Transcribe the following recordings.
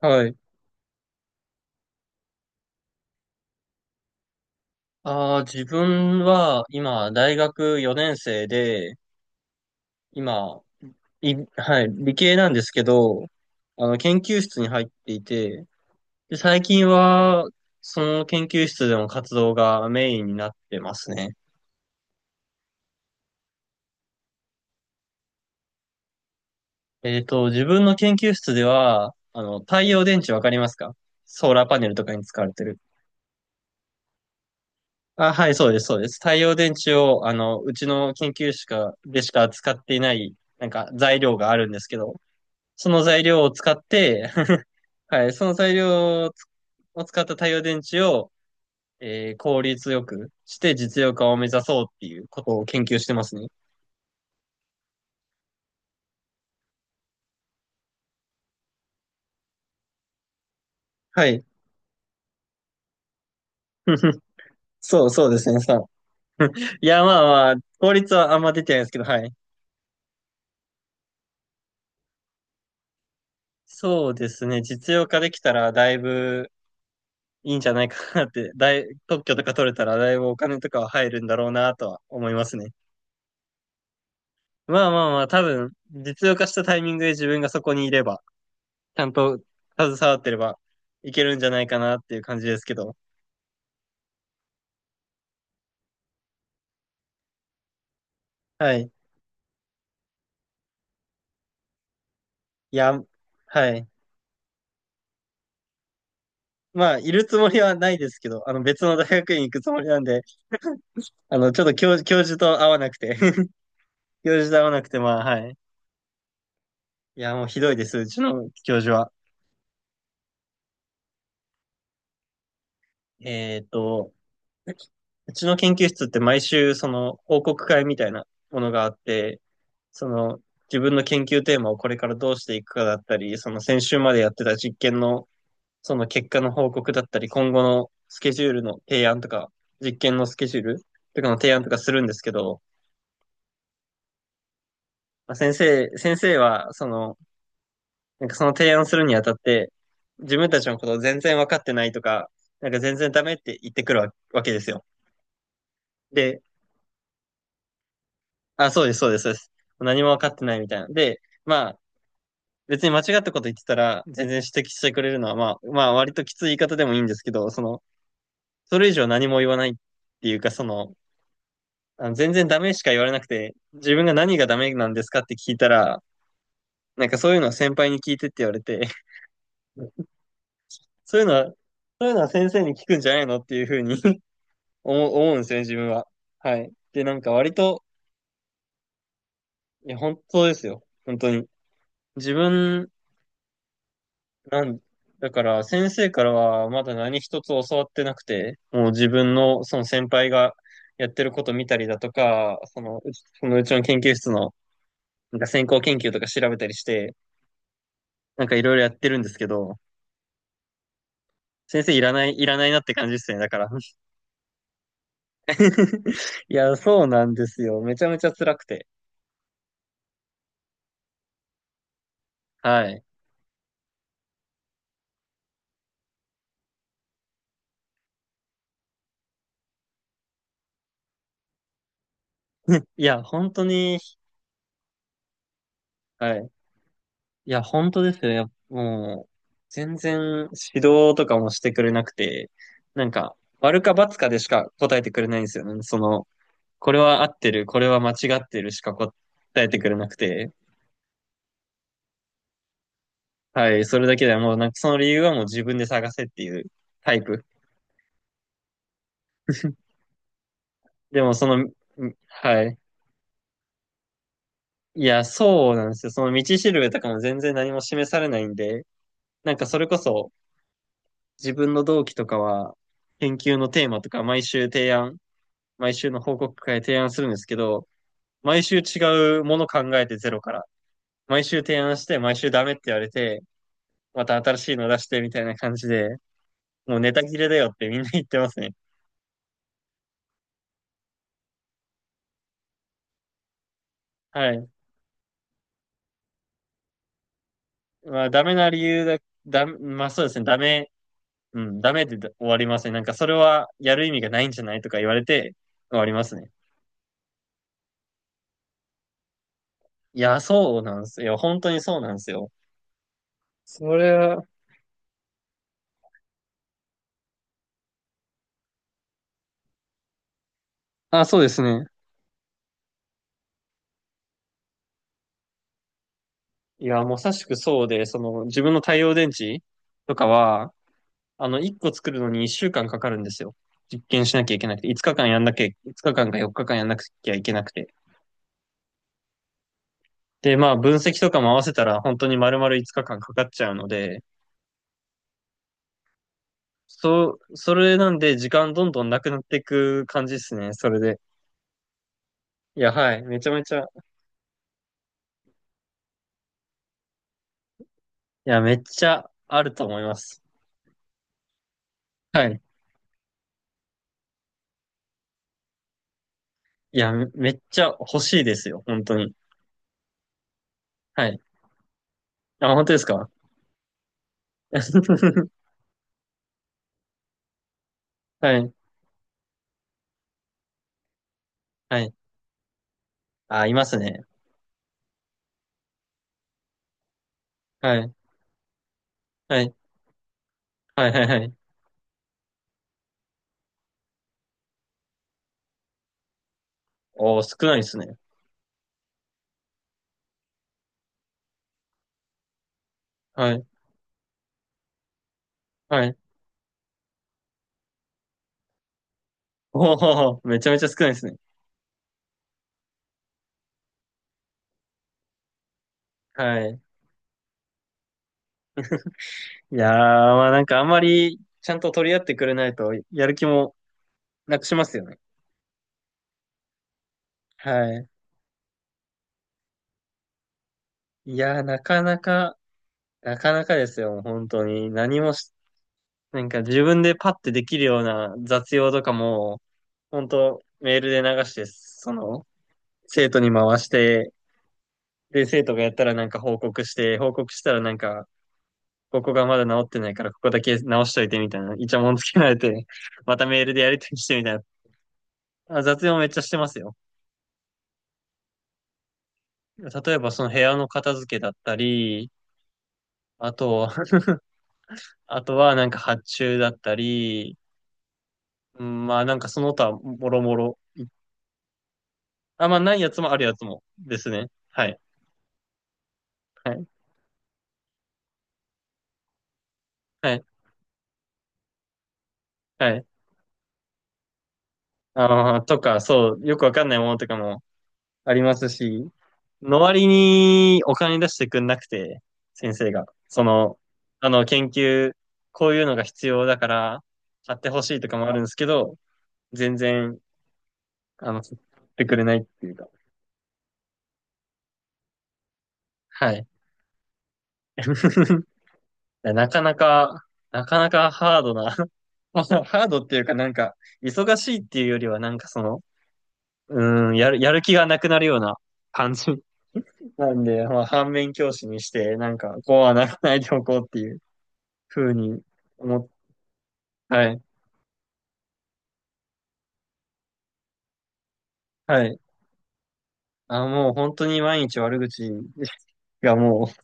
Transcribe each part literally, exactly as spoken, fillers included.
はい。ああ、自分は今、大学よねん生で、今、い、はい、理系なんですけど、あの、研究室に入っていて、で、最近は、その研究室での活動がメインになってますね。えっと、自分の研究室では、あの、太陽電池わかりますか？ソーラーパネルとかに使われてる。あ、はい、そうです、そうです。太陽電池を、あの、うちの研究室か、でしか使っていない、なんか材料があるんですけど、その材料を使って はい、その材料をを使った太陽電池を、えー効率よくして実用化を目指そうっていうことを研究してますね。はい。そう、そうですね、さ。いや、まあまあ、効率はあんま出てないですけど、はい。そうですね、実用化できたらだいぶいいんじゃないかなって、だい、特許とか取れたらだいぶお金とかは入るんだろうなとは思いますね。まあまあまあ、多分、実用化したタイミングで自分がそこにいれば、ちゃんと携わってればいけるんじゃないかなっていう感じですけど。はい。いや、はい。まあ、いるつもりはないですけど、あの、別の大学院行くつもりなんで、あの、ちょっと教、教授と会わなくて 教授と会わなくて、まあ、はい。いや、もうひどいです、うちの教授は。えっと、うちの研究室って毎週、その、報告会みたいなものがあって、その、自分の研究テーマをこれからどうしていくかだったり、その先週までやってた実験のその結果の報告だったり、今後のスケジュールの提案とか、実験のスケジュールとかの提案とかするんですけど、まあ、先生、先生は、その、なんかその提案するにあたって、自分たちのことを全然分かってないとか、なんか全然ダメって言ってくるわわけですよ。で、あ、そうです、そうです、そうです。何も分かってないみたいな。で、まあ、別に間違ったこと言ってたら、全然指摘してくれるのは、まあ、まあ、割ときつい言い方でもいいんですけど、その、それ以上何も言わないっていうか、その、あの全然ダメしか言われなくて、自分が何がダメなんですかって聞いたら、なんかそういうのは先輩に聞いてって言われて、そういうのは、そういうのは先生に聞くんじゃないのっていうふうに 思う思うんですよね、自分は。はい。で、なんか割と、いや、本当ですよ。本当に。自分、なん、だから先生からはまだ何一つ教わってなくて、もう自分のその先輩がやってること見たりだとか、その、そのうちの研究室のなんか先行研究とか調べたりして、なんかいろいろやってるんですけど、先生いらない、いらないなって感じですね、だから。いや、そうなんですよ。めちゃめちゃ辛くて。はい。いや、本当に、はい。いや、本当ですよ。やっもう、全然指導とかもしてくれなくて、なんか、丸か×かでしか答えてくれないんですよね。その、これは合ってる、これは間違ってるしか答えてくれなくて、はい、それだけでもう、なんかその理由はもう自分で探せっていうタイプ。でもその、んはい。いや、そうなんですよ。その道しるべとかも全然何も示されないんで、なんかそれこそ自分の同期とかは研究のテーマとか毎週提案、毎週の報告会で提案するんですけど、毎週違うもの考えてゼロから、毎週提案して毎週ダメって言われて、また新しいの出してみたいな感じで、もうネタ切れだよってみんな言ってますね。はい。まあダメな理由だ、だ、まあそうですね、ダメ、うん、ダメで終わりますね。なんかそれはやる意味がないんじゃないとか言われて終わりますね。いや、そうなんですよ。本当にそうなんですよ。それは、あ、そうですね。いや、まさしくそうで、その、自分の太陽電池とかは、あの、いっこ作るのにいっしゅうかんかんかかるんですよ。実験しなきゃいけなくて、5日間やんなきゃ、いつかかんかよっかかんやんなきゃいけなくて。で、まあ、分析とかも合わせたら、本当に丸々5日間かんかかっちゃうので、そう、それなんで、時間どんどんなくなっていく感じですね。それで。いや、はい。めちゃめちゃ、いや、めっちゃあると思います。はい。いや、めめっちゃ欲しいですよ、本当に。はい。あ、本当ですか？ はい、はい。あ、いますね。はい、はい、はい、はい、はい。おー、少ないですね。はい、はい。おー、めちゃめちゃ少ないですね。はい。いやー、まあなんかあんまりちゃんと取り合ってくれないと、やる気もなくしますよね。はい。いやー、なかなか、なかなかですよ、本当に。何もしなんか自分でパッてできるような雑用とかも、本当メールで流して、その、生徒に回して、で、生徒がやったらなんか報告して、報告したらなんか、ここがまだ治ってないからここだけ直しといてみたいな、イチャモンつけられて、またメールでやりとりしてみたいな。あ、雑用めっちゃしてますよ。例えばその部屋の片付けだったり、あと、あとはなんか発注だったり、うんまあなんかその他もろもろ。あ、まあないやつもあるやつもですね。はい。はいはい、はい。あーとか、そう、よくわかんないものとかもありますし、の割にお金出してくんなくて、先生が。その、あの、研究、こういうのが必要だから、買ってほしいとかもあるんですけど、全然、あの、買ってくれないっていうか。はい。なかなか、なかなかハードな、まあハードっていうかなんか、忙しいっていうよりはなんかその、うーん、やる、やる気がなくなるような感じなんで、まあ、反面教師にして、なんか、こうはならないでおこうっていうふうに思って、はい、はい。あ、もう本当に毎日悪口がもう、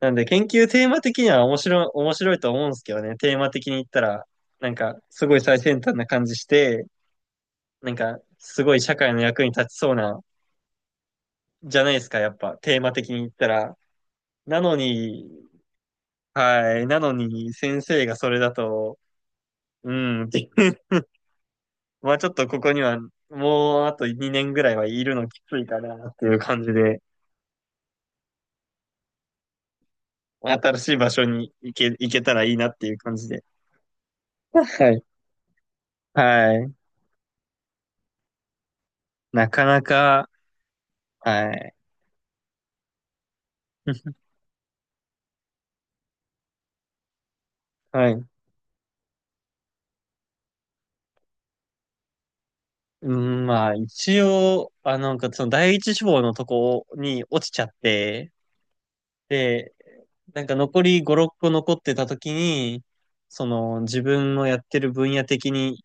なんで、研究テーマ的には面白い、面白いと思うんですけどね、テーマ的に言ったら、なんか、すごい最先端な感じして、なんか、すごい社会の役に立ちそうな、じゃないですか、やっぱ、テーマ的に言ったら。なのに、はい、なのに、先生がそれだと、うん、ってまあちょっとここにはもうあとにねんぐらいはいるのきついかなっていう感じで、新しい場所に行け、行けたらいいなっていう感じで。はい。はい。なかなか、はい。はい。うん、まあ一応、あ、なんかその第一志望のとこに落ちちゃって、で、なんか残りご、ろっこ残ってた時に、その自分のやってる分野的に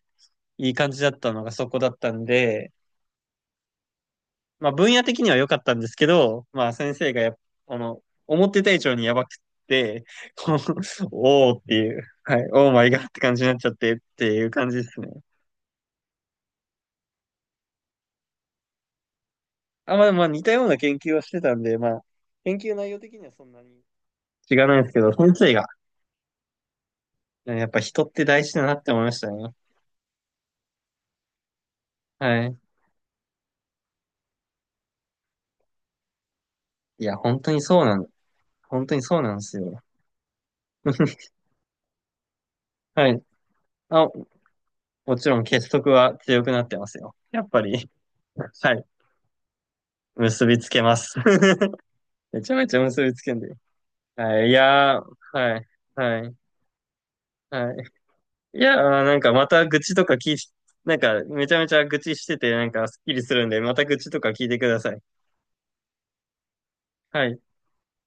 いい感じだったのがそこだったんで、まあ分野的には良かったんですけど、まあ先生がやっあの、思ってた以上にやばくって、こうおーっていう、はい、オーマイガーって感じになっちゃってっていう感じですね。あ、まあまあ似たような研究をしてたんで、まあ、研究内容的にはそんなに違わないですけど、先生が、やっぱ人って大事だなって思いましたね。はい。いや、本当にそうなん、本当にそうなんですよ。はい。あ、もちろん結束は強くなってますよ。やっぱり、はい、結びつけます。めちゃめちゃ結びつけんだよ。はい。いやー、はい。はい。はい。いやー、なんかまた愚痴とか聞い、なんかめちゃめちゃ愚痴してて、なんかスッキリするんで、また愚痴とか聞いてください。はい。